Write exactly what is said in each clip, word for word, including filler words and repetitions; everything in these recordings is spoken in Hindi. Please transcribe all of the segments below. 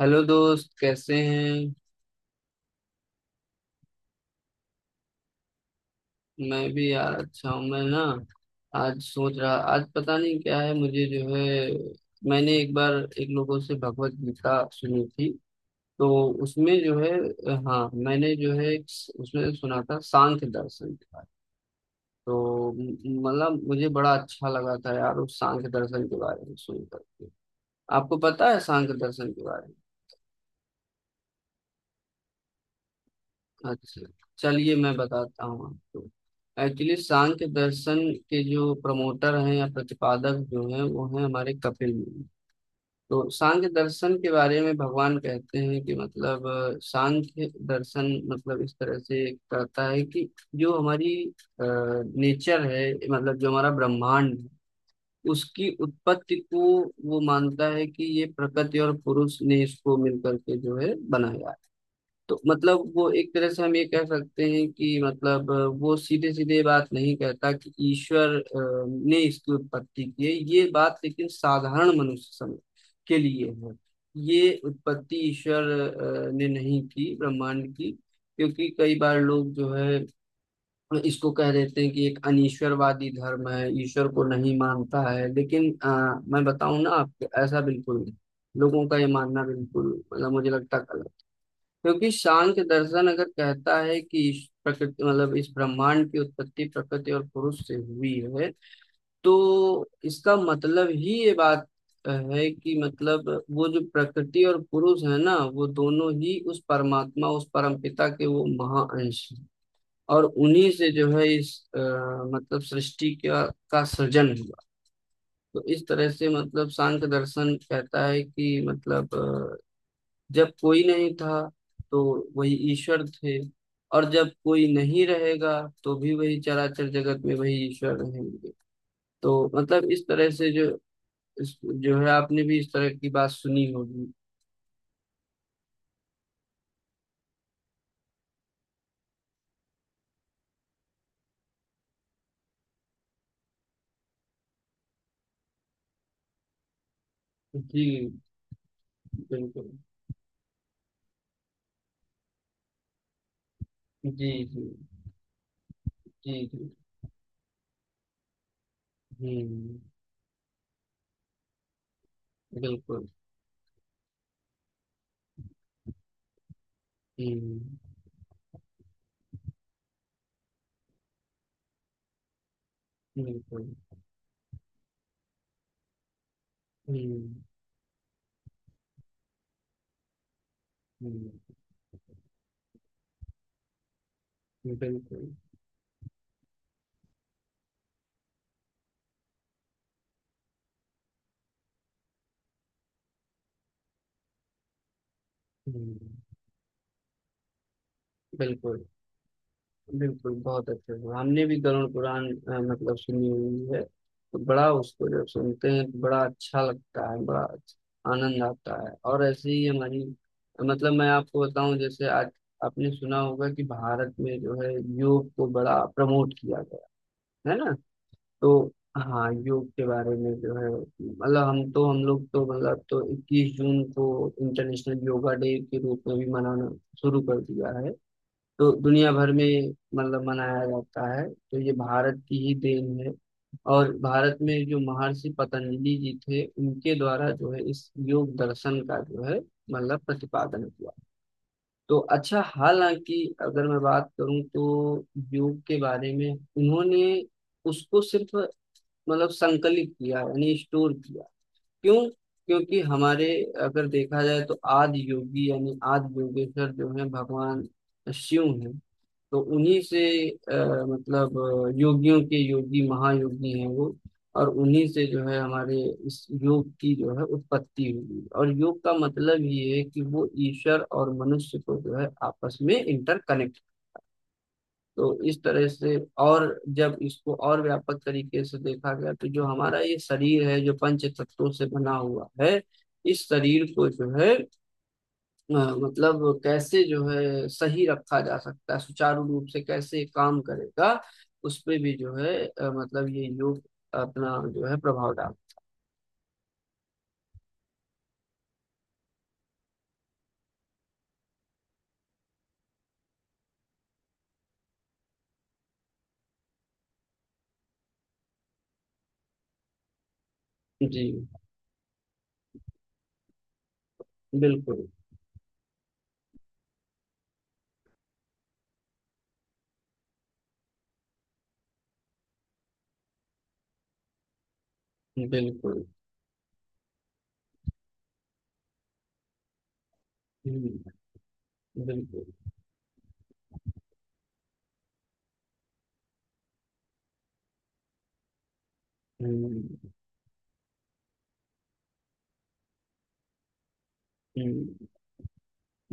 हेलो दोस्त कैसे हैं। मैं भी यार अच्छा हूँ। मैं ना आज सोच रहा, आज पता नहीं क्या है, मुझे जो है मैंने एक बार एक लोगों से भगवत गीता सुनी थी, तो उसमें जो है हाँ मैंने जो है एक स- उसमें सुना था सांख्य दर्शन के बारे में। तो म- मतलब मुझे बड़ा अच्छा लगा था यार उस सांख्य दर्शन के बारे में सुनकर के। आपको पता है सांख्य दर्शन के बारे में? अच्छा, चलिए मैं बताता हूँ आपको। एक्चुअली सांख्य दर्शन के जो प्रमोटर हैं या प्रतिपादक जो हैं वो हैं हमारे कपिल मुनि। तो सांख्य दर्शन के बारे में भगवान कहते हैं कि मतलब अ, सांख्य दर्शन मतलब इस तरह से कहता है कि जो हमारी नेचर है, मतलब जो हमारा ब्रह्मांड है, उसकी उत्पत्ति को वो मानता है कि ये प्रकृति और पुरुष ने इसको मिलकर के जो है बनाया है। तो मतलब वो एक तरह से हम ये कह सकते हैं कि मतलब अ, वो सीधे सीधे बात नहीं कहता कि ईश्वर अ, ने इसकी उत्पत्ति की है ये बात, लेकिन साधारण मनुष्य सम- के लिए है ये उत्पत्ति ईश्वर अ, ने नहीं की ब्रह्मांड की। क्योंकि कई बार लोग जो है इसको कह देते हैं कि एक अनीश्वरवादी धर्म है, ईश्वर को नहीं मानता है, लेकिन अ, मैं बताऊं ना आपको ऐसा बिल्कुल नहीं। लोगों का ये मानना बिल्कुल मतलब मुझे लगता है गलत। क्योंकि सांख्य दर्शन अगर कहता है कि इस प्रकृति मतलब इस ब्रह्मांड की उत्पत्ति प्रकृति और पुरुष से हुई है, तो इसका मतलब ही ये बात है कि मतलब वो जो प्रकृति और पुरुष है ना, वो दोनों ही उस परमात्मा उस परमपिता के वो महाअंश हैं। और उन्हीं से जो है इस आ, मतलब सृष्टि का का सृजन हुआ। तो इस तरह से मतलब सांख्य दर्शन कहता है कि मतलब जब कोई नहीं था तो वही ईश्वर थे, और जब कोई नहीं रहेगा तो भी वही चराचर जगत में वही ईश्वर रहेंगे। तो मतलब इस तरह से जो इस- जो है आपने भी इस तरह की बात सुनी होगी। जी बिल्कुल। जी जी। जी जी। हम्म। बिल्कुल। हम्म। बिल्कुल। हम्म। हम्म। बिल्कुल। हम्म। बिल्कुल। बिल्कुल, बहुत अच्छे से। हमने भी गरुड़ पुराण अ, मतलब सुनी हुई है, तो बड़ा उसको जब सुनते हैं तो बड़ा अच्छा लगता है, बड़ा अच्छा- आनंद आता है। और ऐसे ही हमारी मतलब मैं आपको बताऊं जैसे आज आपने सुना होगा कि भारत में जो है योग को बड़ा प्रमोट किया गया है ना। तो हाँ योग के बारे में जो है मतलब हम तो हम लोग तो मतलब तो इक्कीस जून को इंटरनेशनल योगा डे के रूप में भी मनाना शुरू कर दिया है, तो दुनिया भर में मतलब मनाया जाता है, तो ये भारत की ही देन है। और भारत में जो महर्षि पतंजलि जी थे उनके द्वारा जो है इस योग दर्शन का जो है मतलब प्रतिपादन किया। तो अच्छा, हालांकि अगर मैं बात करूं तो योग के बारे में उन्होंने उसको सिर्फ मतलब संकलित किया यानी स्टोर किया। क्यों? क्योंकि हमारे अगर देखा जाए तो आदि योगी यानी आदि योगेश्वर जो है भगवान शिव हैं। तो उन्हीं से अ, मतलब अ, योगियों के योगी महायोगी हैं वो, और उन्हीं से जो है हमारे इस योग की जो है उत्पत्ति हुई। और योग का मतलब ये है कि वो ईश्वर और मनुष्य को जो है आपस में इंटरकनेक्ट। तो इस तरह से, और जब इसको और व्यापक तरीके से देखा गया तो जो हमारा ये शरीर है जो पंच तत्वों से बना हुआ है, इस शरीर को जो है अ, मतलब कैसे जो है सही रखा जा सकता है, सुचारू रूप से कैसे काम करेगा, उस पे भी जो है अ, मतलब ये योग अपना जो है प्रभाव डाल। जी बिल्कुल। बिल्कुल। हम्म, बिल्कुल। हम्म। हम्म।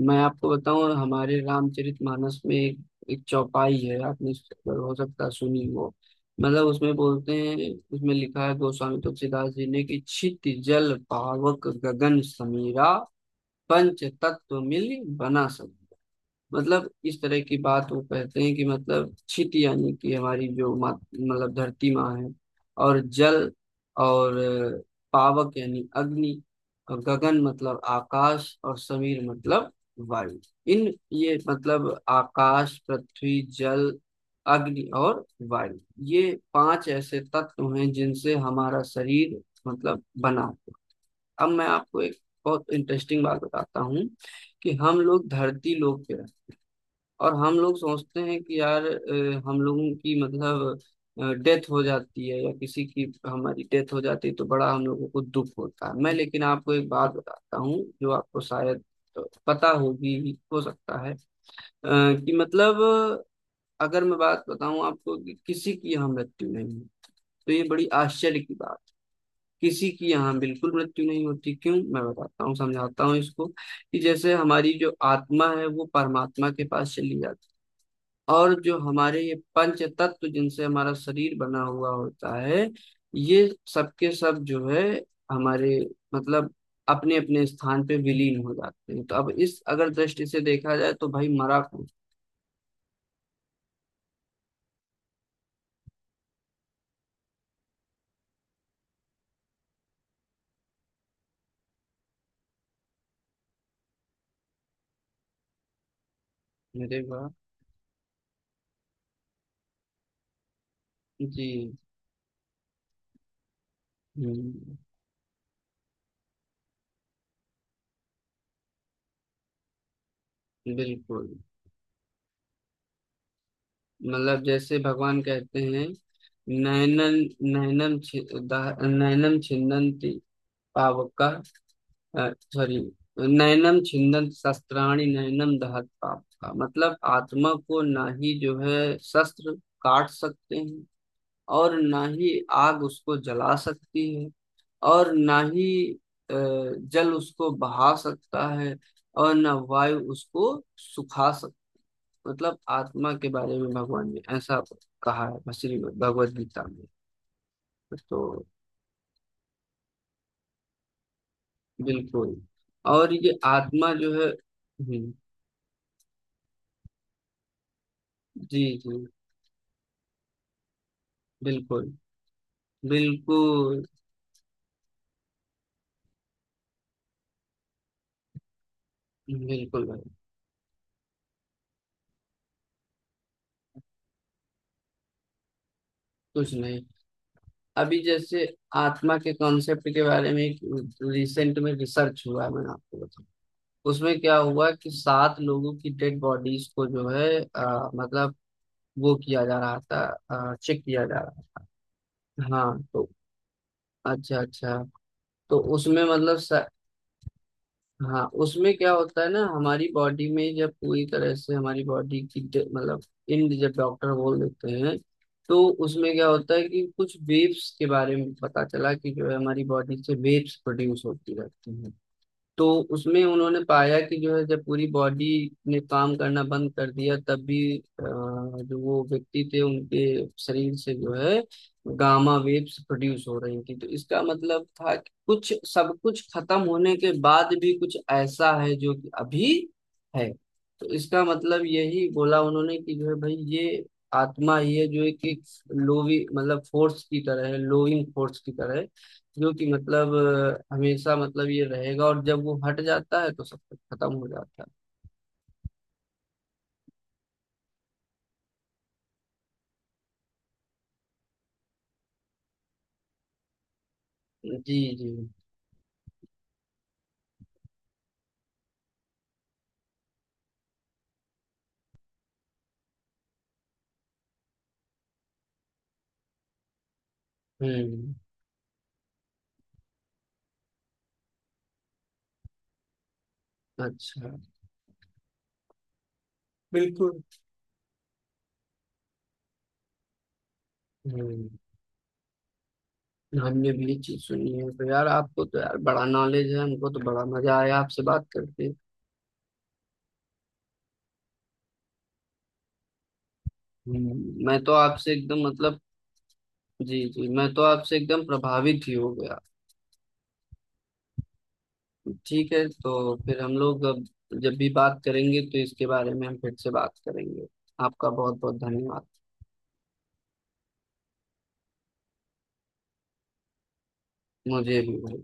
मैं आपको बताऊं हमारे रामचरितमानस में एक, एक चौपाई है, आपने इस पर हो सकता है सुनी हो। मतलब उसमें बोलते हैं, उसमें लिखा है गोस्वामी तुलसीदास जी ने कि छित जल पावक गगन समीरा पंच तत्व मिल बना सब। मतलब इस तरह की बात वो कहते हैं कि मतलब छित यानी कि हमारी जो मा- मतलब धरती माँ है, और जल, और अ, पावक यानी अग्नि, और गगन मतलब आकाश, और समीर मतलब वायु। इन ये मतलब आकाश, पृथ्वी, जल, अग्नि और वायु, ये पांच ऐसे तत्व हैं जिनसे हमारा शरीर मतलब बना है। अब मैं आपको एक बहुत इंटरेस्टिंग बात बताता हूँ कि हम लोग धरती लोग पे हैं और हम लोग सोचते हैं कि यार अ, हम लोगों की मतलब डेथ हो जाती है या किसी की हमारी डेथ हो जाती है तो बड़ा हम लोगों को दुख होता है। मैं लेकिन आपको एक बात बताता हूँ जो आपको शायद पता होगी हो सकता है, अ, कि मतलब अगर मैं बात बताऊं आपको कि किसी की यहाँ मृत्यु नहीं है, तो ये बड़ी आश्चर्य की बात। किसी की यहाँ बिल्कुल मृत्यु नहीं होती। क्यों? मैं बताता हूँ, समझाता हूँ इसको कि जैसे हमारी जो आत्मा है वो परमात्मा के पास चली जाती है, और जो हमारे ये पंच तत्व जिनसे हमारा शरीर बना हुआ होता है ये सबके सब जो है हमारे मतलब अपने अपने स्थान पे विलीन हो जाते हैं। तो अब इस अगर दृष्टि से देखा जाए तो भाई मरा कौन? मेरे वाह। जी। हम्म। बिल्कुल। मतलब जैसे भगवान कहते हैं नैनन नैनम छि- दा- नैनम छिन्दन्ति पावका, सॉरी, नैनम छिन्दन्ति शस्त्राणि नैनम दहत पावका। मतलब आत्मा को ना ही जो है शस्त्र काट सकते हैं, और ना ही आग उसको जला सकती है, और ना ही अ, जल उसको बहा सकता है, और ना वायु उसको सुखा। मतलब आत्मा के बारे में भगवान ने ऐसा कहा है श्री भगवत गीता में। तो बिल्कुल। और ये आत्मा जो है। हम्म, जी जी। बिल्कुल। बिल्कुल। बिल्कुल भाई कुछ नहीं। अभी जैसे आत्मा के कॉन्सेप्ट के बारे में रिसेंट में रिसर्च हुआ है, मैंने आपको बताया, उसमें क्या हुआ कि सात लोगों की डेड बॉडीज को जो है अ, मतलब वो किया जा रहा था, चेक किया जा रहा था, हाँ। तो अच्छा अच्छा, तो उसमें मतलब सा- हाँ उसमें क्या होता है ना, हमारी बॉडी में जब पूरी तरह से हमारी बॉडी की ड- मतलब इंड जब डॉक्टर बोल देते हैं, तो उसमें क्या होता है कि कुछ वेव्स के बारे में पता चला कि जो है हमारी बॉडी से वेव्स प्रोड्यूस होती रहती हैं। तो उसमें उन्होंने पाया कि जो है जब पूरी बॉडी ने काम करना बंद कर दिया तब भी अ, जो वो व्यक्ति थे उनके शरीर से जो है गामा वेव्स प्रोड्यूस हो रही थी। तो इसका मतलब था कि कुछ सब कुछ खत्म होने के बाद भी कुछ ऐसा है जो कि अभी है। तो इसका मतलब यही बोला उन्होंने कि जो है भाई ये आत्मा ये जो है कि लोवी मतलब फोर्स की तरह है, लोइंग फोर्स की तरह है, जो कि मतलब अ, हमेशा मतलब ये रहेगा, और जब वो हट जाता है तो सब कुछ खत्म हो जाता है। जी जी। हम्म। अच्छा। बिल्कुल। हम्म। हमने भी ये चीज सुनी है। तो यार आपको तो यार बड़ा नॉलेज है, हमको तो बड़ा मजा आया आपसे बात करके। हम्म, मैं तो आपसे एकदम मतलब जी जी मैं तो आपसे एकदम प्रभावित ही हो गया। ठीक है तो फिर हम लोग अब जब भी बात करेंगे तो इसके बारे में हम फिर से बात करेंगे। आपका बहुत बहुत धन्यवाद। मुझे भी भाई।